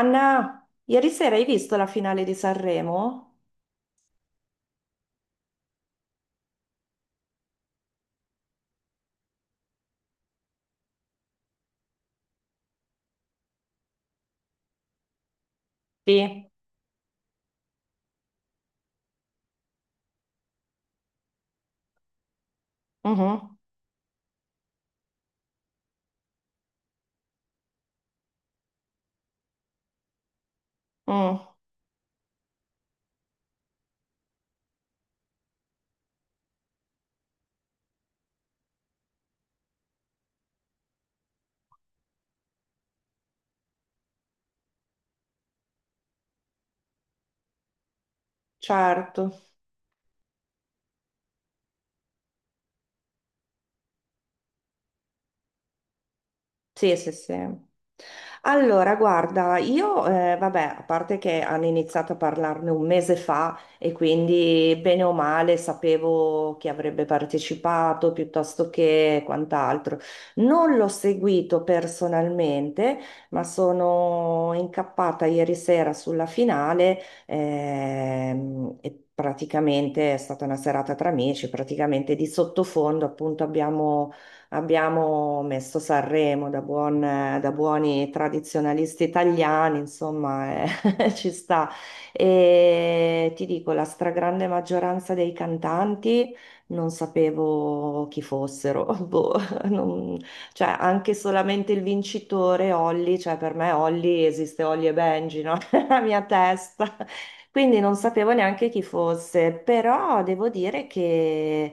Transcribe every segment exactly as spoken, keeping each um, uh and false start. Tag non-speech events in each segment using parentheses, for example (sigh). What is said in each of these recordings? Anna, ieri sera hai visto la finale di Sanremo? Sì. Mhm. Mm, certo. Sì, sì, sì. Allora, guarda, io, eh, vabbè, a parte che hanno iniziato a parlarne un mese fa e quindi bene o male sapevo chi avrebbe partecipato piuttosto che quant'altro. Non l'ho seguito personalmente, ma sono incappata ieri sera sulla finale, ehm, e praticamente è stata una serata tra amici, praticamente di sottofondo appunto abbiamo Abbiamo messo Sanremo da, buon- da buoni tradizionalisti italiani, insomma, eh, (laughs) ci sta. E ti dico, la stragrande maggioranza dei cantanti non sapevo chi fossero. (laughs) Boh, non- cioè, anche solamente il vincitore, Olly, cioè per me Olly esiste Olly e Benji, no? (laughs) Nella mia testa. Quindi non sapevo neanche chi fosse, però devo dire che...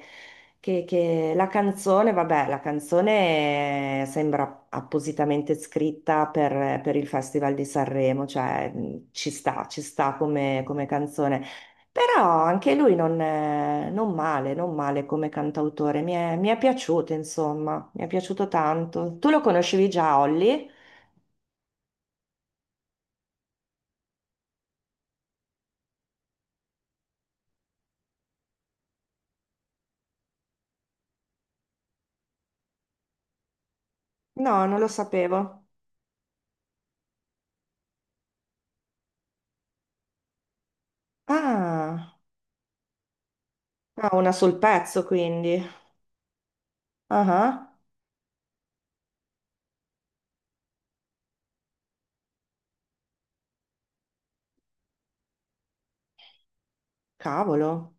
Che, che la canzone, vabbè, la canzone sembra appositamente scritta per, per il Festival di Sanremo, cioè mh, ci sta, ci sta come, come canzone. Però anche lui non, è- non male, non male come cantautore, mi è, mi è piaciuto, insomma, mi è piaciuto tanto. Tu lo conoscevi già, Olly? No, non lo sapevo. Ah, ah, una sul pezzo, quindi. Ah, ah, cavolo,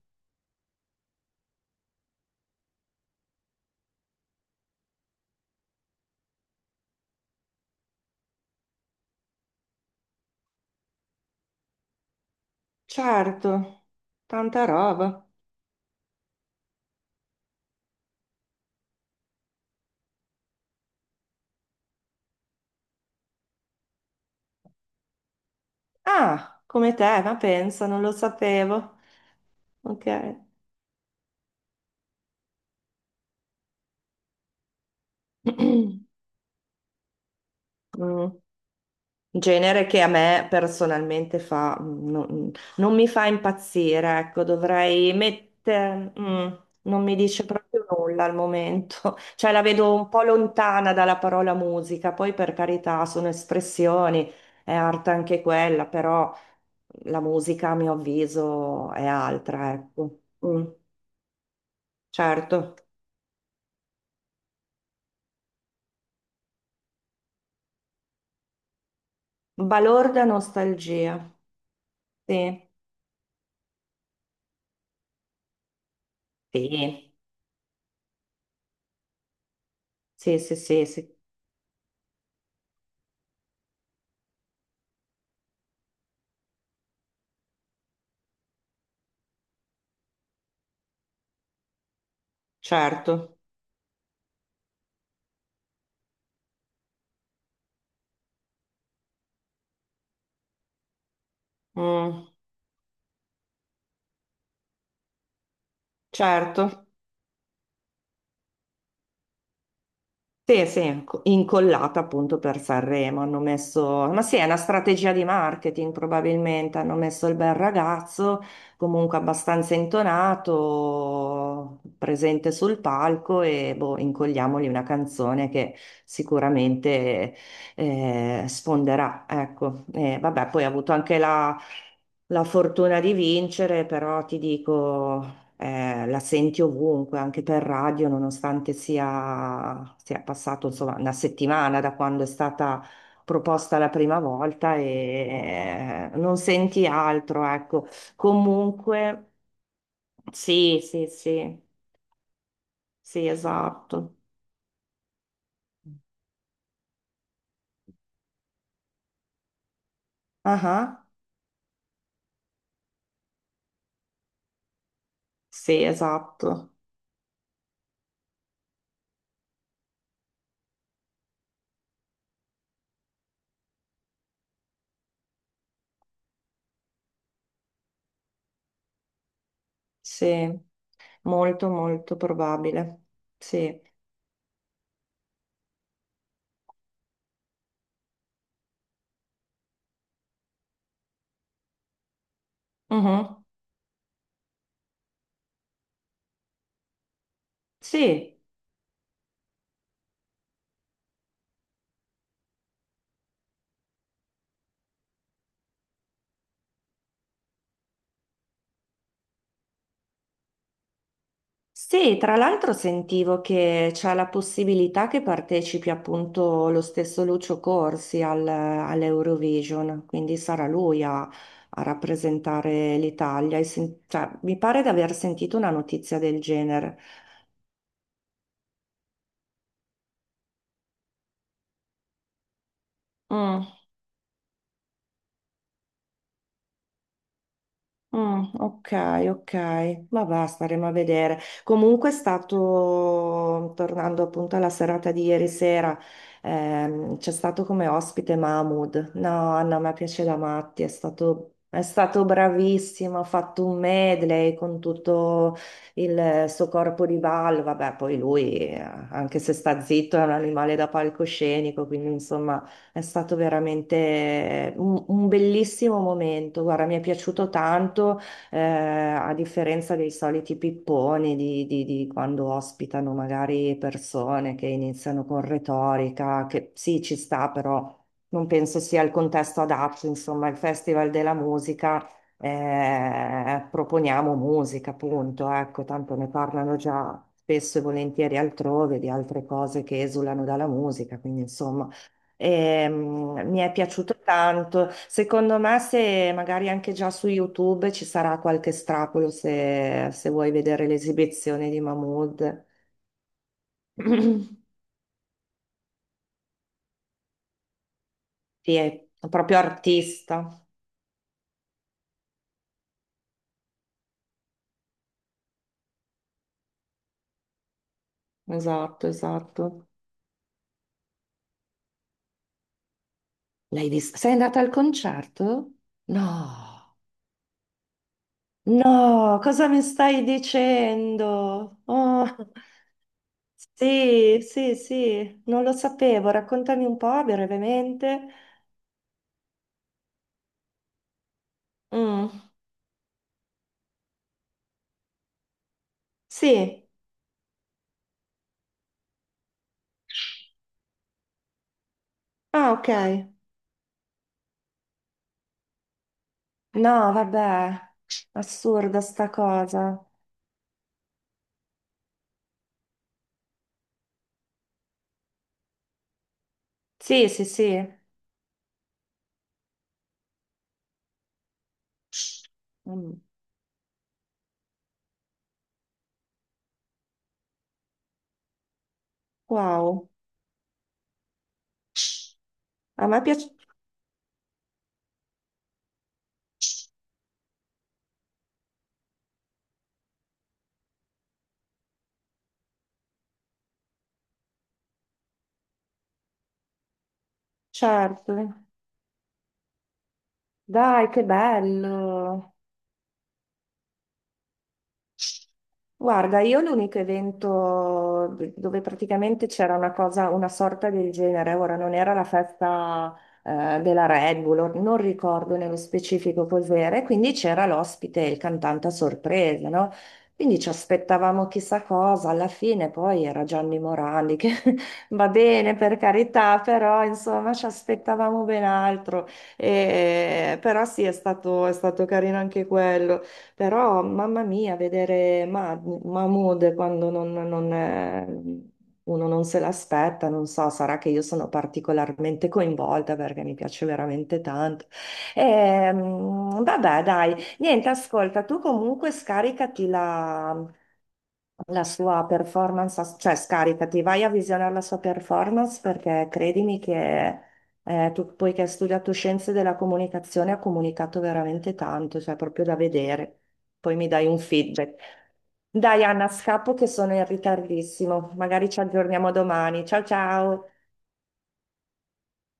certo, tanta roba. Ah, come te, ma pensa, non lo sapevo. Ok. (clears throat) Mm. Genere che a me personalmente fa, mm, non, non mi fa impazzire, ecco, dovrei mettere, mm, non mi dice proprio nulla al momento, (laughs) cioè la vedo un po' lontana dalla parola musica, poi per carità sono espressioni, è arte anche quella, però la musica a mio avviso è altra, ecco. Mm, certo, balorda nostalgia. Sì, sì, sì, sì, sì, sì, certo. Mm, certo. Sì, sì, inc- incollata appunto per Sanremo, hanno messo, ma sì, è una strategia di marketing probabilmente, hanno messo il bel ragazzo, comunque abbastanza intonato, presente sul palco e boh, incolliamogli una canzone che sicuramente eh, sfonderà, ecco. E vabbè, poi ha avuto anche la la fortuna di vincere, però ti dico eh, la senti ovunque, anche per radio, nonostante sia, sia passato insomma una settimana da quando è stata proposta la prima volta e eh, non senti altro, ecco. Comunque, sì, sì, sì, sì, esatto. Ah, sì, esatto, sì, molto, molto probabile, sì. Mhm. Sì. Sì, tra l'altro sentivo che c'è la possibilità che partecipi appunto lo stesso Lucio Corsi al- all'Eurovision, quindi sarà lui a, a rappresentare l'Italia. E sen- cioè, mi pare di aver sentito una notizia del genere. Mm. Mm, ok, ok, ma va, staremo a vedere. Comunque è stato, tornando appunto alla serata di ieri sera, ehm, c'è stato come ospite Mahmood. No, Anna, a me piace da matti, è stato, è stato bravissimo, ha fatto un medley con tutto il suo corpo di ballo. Vabbè, poi lui, eh, anche se sta zitto, è un animale da palcoscenico, quindi insomma... È stato veramente un, un bellissimo momento. Guarda, mi è piaciuto tanto, eh, a differenza dei soliti pipponi di, di- di quando ospitano magari persone che iniziano con retorica, che sì, ci sta, però non penso sia il contesto adatto. Insomma, il Festival della Musica, eh, proponiamo musica, appunto. Ecco, tanto ne parlano già spesso e volentieri altrove di altre cose che esulano dalla musica, quindi insomma. Ehm, mi è piaciuto tanto. Secondo me, se magari anche già su YouTube ci sarà qualche strapolo se, se vuoi vedere l'esibizione di Mahmood. (clears throat) Sì, è proprio artista. Esatto, esatto. L'hai vista? Sei andata al concerto? No, no, cosa mi stai dicendo? Oh, sì, sì, sì, non lo sapevo. Raccontami un po' brevemente. Mm, sì. Ah, ok. No, vabbè, assurda sta cosa. Sì, sì, sì. Mm, wow. A me piace, certo. Dai, che bello. Guarda, io l'unico evento d- dove praticamente c'era una cosa, una sorta del genere, ora non era la festa eh, della Red Bull, or- non ricordo nello specifico cos'era, e quindi c'era l'ospite, il cantante a sorpresa, no? Quindi ci aspettavamo chissà cosa, alla fine poi era Gianni Morandi, che (laughs) va bene per carità, però insomma ci aspettavamo ben altro. E- però sì, è stato è stato carino anche quello. Però, mamma mia, vedere Ma- Mahmood quando non, non è- uno non se l'aspetta, non so, sarà che io sono particolarmente coinvolta perché mi piace veramente tanto. Ehm, vabbè, dai, niente, ascolta, tu comunque scaricati la la sua performance, cioè scaricati, vai a visionare la sua performance perché credimi che eh, tu, poiché ha studiato scienze della comunicazione, ha comunicato veramente tanto, cioè proprio da vedere. Poi mi dai un feedback. Dai, Anna, scappo che sono in ritardissimo. Magari ci aggiorniamo domani. Ciao ciao.